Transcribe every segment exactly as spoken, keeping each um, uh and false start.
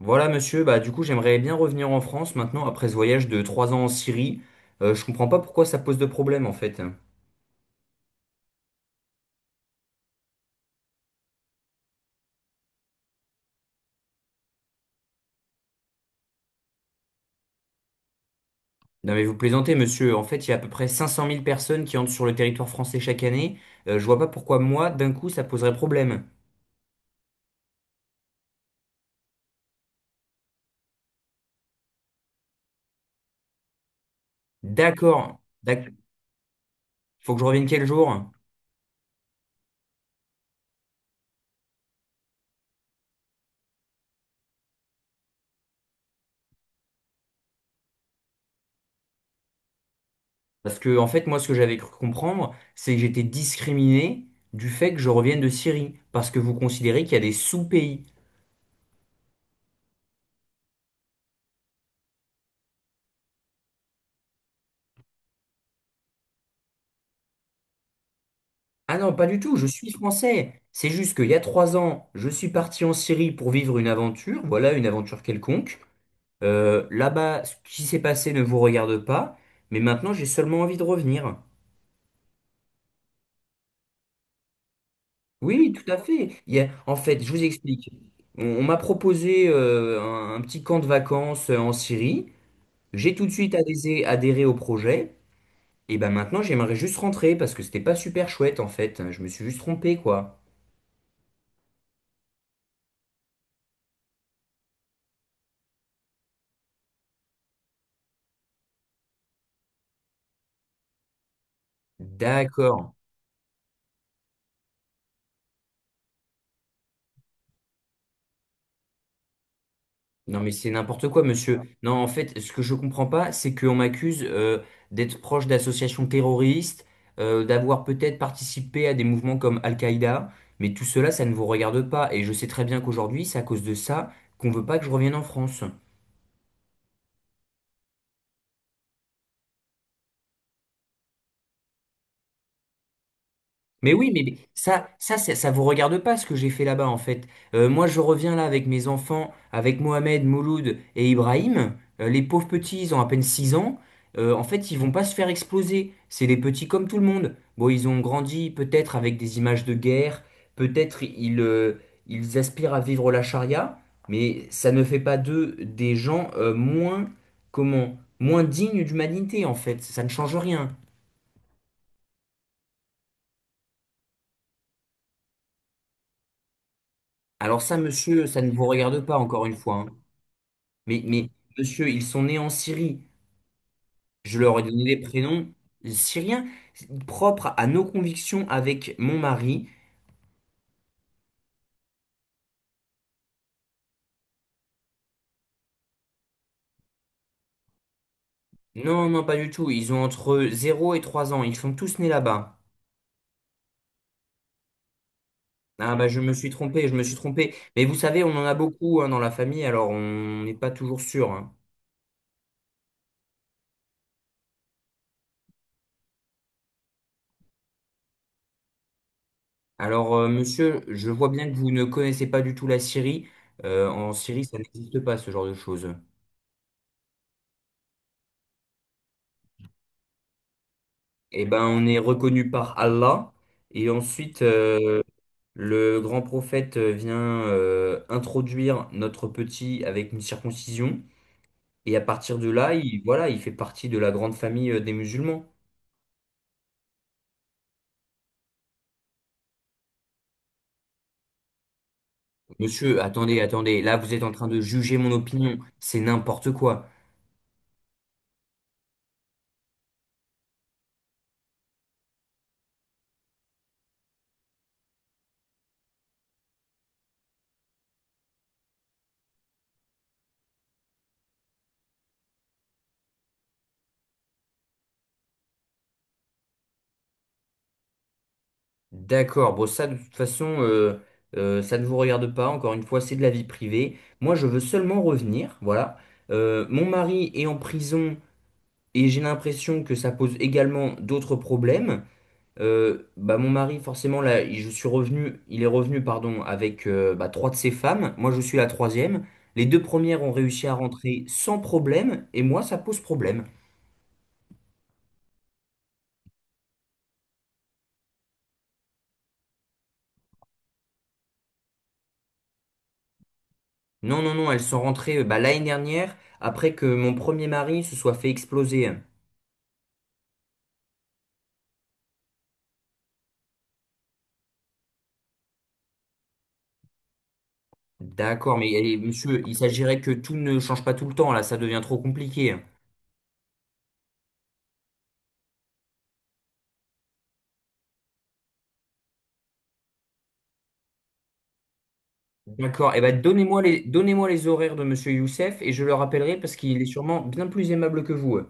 Voilà, monsieur. Bah, du coup, j'aimerais bien revenir en France maintenant après ce voyage de trois ans en Syrie. Euh, je comprends pas pourquoi ça pose de problème en fait. Non, mais vous plaisantez, monsieur. En fait, il y a à peu près cinq cent mille personnes qui entrent sur le territoire français chaque année. Euh, je vois pas pourquoi moi, d'un coup, ça poserait problème. D'accord. D'ac- Faut que je revienne quel jour? Parce que, en fait, moi, ce que j'avais cru comprendre, c'est que j'étais discriminé du fait que je revienne de Syrie. Parce que vous considérez qu'il y a des sous-pays. Ah non, pas du tout, je suis français. C'est juste qu'il y a trois ans, je suis parti en Syrie pour vivre une aventure, voilà, une aventure quelconque. Euh, là-bas, ce qui s'est passé ne vous regarde pas, mais maintenant j'ai seulement envie de revenir. Oui, oui, tout à fait. Il y a- En fait, je vous explique. On, on m'a proposé euh, un, un petit camp de vacances euh, en Syrie. J'ai tout de suite adhésé- adhéré au projet. Et ben maintenant, j'aimerais juste rentrer parce que c'était pas super chouette en fait. Je me suis juste trompé, quoi. D'accord. Non mais c'est n'importe quoi, monsieur. Non, en fait, ce que je comprends pas, c'est qu'on m'accuse euh, d'être proche d'associations terroristes, euh, d'avoir peut-être participé à des mouvements comme Al-Qaïda, mais tout cela, ça ne vous regarde pas. Et je sais très bien qu'aujourd'hui, c'est à cause de ça qu'on veut pas que je revienne en France. Mais oui, mais mais ça, ça, ça, ça vous regarde pas ce que j'ai fait là-bas en fait. Euh, moi, je reviens là avec mes enfants, avec Mohamed, Mouloud et Ibrahim. Euh, les pauvres petits, ils ont à peine six ans. Euh, en fait, ils vont pas se faire exploser. C'est des petits comme tout le monde. Bon, ils ont grandi peut-être avec des images de guerre. Peut-être ils, euh, ils aspirent à vivre la charia, mais ça ne fait pas d'eux des gens euh, moins, comment, moins dignes d'humanité en fait. Ça ne change rien. Alors ça, monsieur, ça ne vous regarde pas encore une fois, hein. Mais, mais monsieur, ils sont nés en Syrie. Je leur ai donné des prénoms syriens, propres à nos convictions avec mon mari. Non, non, pas du tout. Ils ont entre zéro et trois ans. Ils sont tous nés là-bas. Ah bah je me suis trompé, je me suis trompé. Mais vous savez, on en a beaucoup hein, dans la famille, alors on n'est pas toujours sûr, hein. Alors euh, monsieur, je vois bien que vous ne connaissez pas du tout la Syrie. Euh, en Syrie, ça n'existe pas ce genre de choses. Eh ben, on est reconnu par Allah. Et ensuite, euh, le grand prophète euh, vient euh, introduire notre petit avec une circoncision, et à partir de là, il, voilà, il fait partie de la grande famille euh, des musulmans. Monsieur, attendez, attendez, là vous êtes en train de juger mon opinion, c'est n'importe quoi. D'accord, bon ça de toute façon, euh, euh, ça ne vous regarde pas, encore une fois, c'est de la vie privée. Moi je veux seulement revenir, voilà. Euh, mon mari est en prison et j'ai l'impression que ça pose également d'autres problèmes. Euh, bah mon mari forcément là il- je suis revenu il est revenu pardon avec euh, bah, trois de ses femmes. Moi je suis la troisième. Les deux premières ont réussi à rentrer sans problème et moi ça pose problème. Non, non, non, elles sont rentrées euh, bah, l'année dernière après que mon premier mari se soit fait exploser. D'accord, mais eh, monsieur, il s'agirait que tout ne change pas tout le temps. Là ça devient trop compliqué. D'accord, et ben donnez-moi les donnez-moi les horaires de monsieur Youssef et je le rappellerai parce qu'il est sûrement bien plus aimable que vous.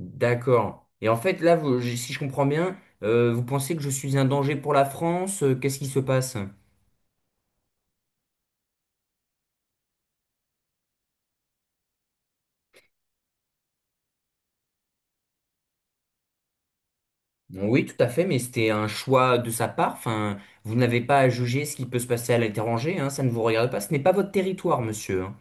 D'accord. Et en fait, là, vous- si je comprends bien, euh, vous pensez que je suis un danger pour la France? euh, Qu'est-ce qui se passe? Oui, tout à fait, mais c'était un choix de sa part. Enfin, vous n'avez pas à juger ce qui peut se passer à l'étranger, hein, ça ne vous regarde pas. Ce n'est pas votre territoire, monsieur, hein.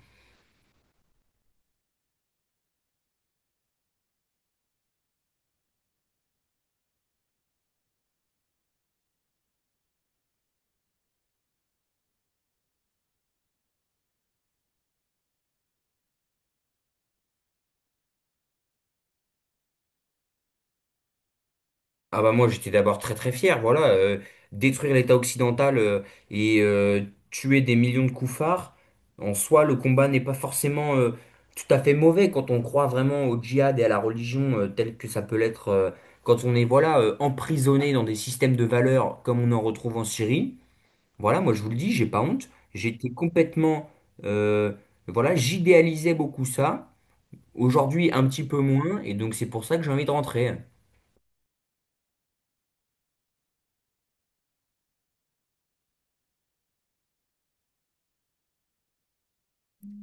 Ah bah moi j'étais d'abord très très fier, voilà, euh, détruire l'État occidental euh, et euh, tuer des millions de koufars, en soi le combat n'est pas forcément euh, tout à fait mauvais quand on croit vraiment au djihad et à la religion euh, telle que ça peut l'être euh, quand on est voilà euh, emprisonné dans des systèmes de valeurs comme on en retrouve en Syrie. Voilà, moi je vous le dis, j'ai pas honte, j'étais complètement euh, voilà, j'idéalisais beaucoup ça, aujourd'hui un petit peu moins et donc c'est pour ça que j'ai envie de rentrer.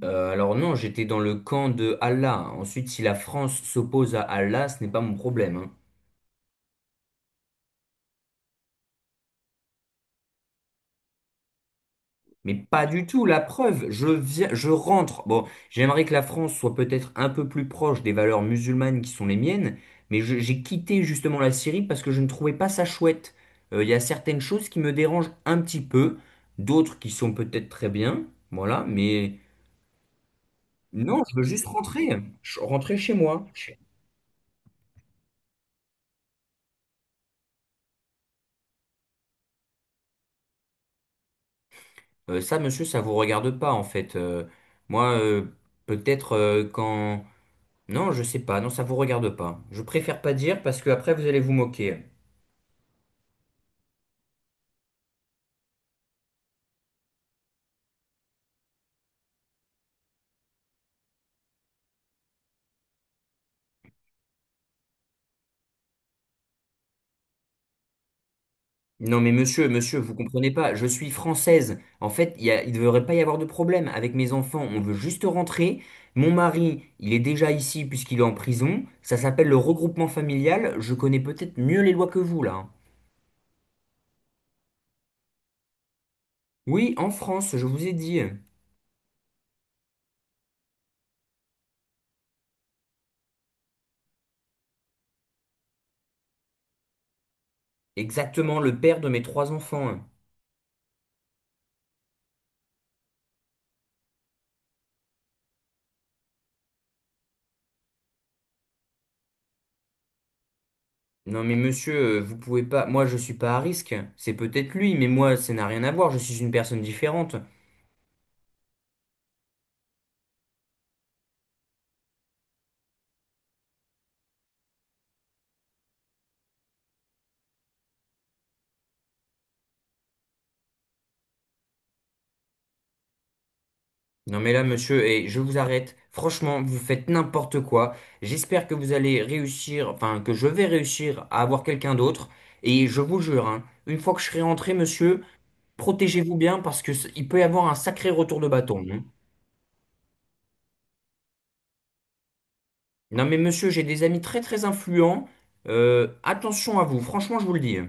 Euh, alors non, j'étais dans le camp de Allah. Ensuite, si la France s'oppose à Allah, ce n'est pas mon problème, hein. Mais pas du tout, la preuve, je viens, je rentre. Bon, j'aimerais que la France soit peut-être un peu plus proche des valeurs musulmanes qui sont les miennes, mais je- j'ai quitté justement la Syrie parce que je ne trouvais pas ça chouette. Euh, Il y a certaines choses qui me dérangent un petit peu, d'autres qui sont peut-être très bien, voilà, mais non, je veux juste rentrer. Je- rentrer chez moi. Euh, ça, monsieur, ça vous regarde pas en fait. Euh, moi, euh, peut-être euh, quand... Non, je sais pas. Non, ça vous regarde pas. Je préfère pas dire parce que après vous allez vous moquer. Non, mais monsieur, monsieur, vous comprenez pas. Je suis française. En fait, il y a- il ne devrait pas y avoir de problème avec mes enfants. On veut juste rentrer. Mon mari, il est déjà ici puisqu'il est en prison. Ça s'appelle le regroupement familial. Je connais peut-être mieux les lois que vous là, hein. Oui, en France, je vous ai dit. Exactement, le père de mes trois enfants, hein. Non mais monsieur, euh, vous pouvez pas. Moi je suis pas à risque. C'est peut-être lui, mais moi ça n'a rien à voir. Je suis une personne différente. Non mais là monsieur, et je vous arrête. Franchement, vous faites n'importe quoi. J'espère que vous allez réussir, enfin que je vais réussir à avoir quelqu'un d'autre. Et je vous jure, hein, une fois que je serai rentré, monsieur, protégez-vous bien parce que c- il peut y avoir un sacré retour de bâton, hein. Non mais monsieur, j'ai des amis très très influents. Euh, attention à vous. Franchement, je vous le dis, hein.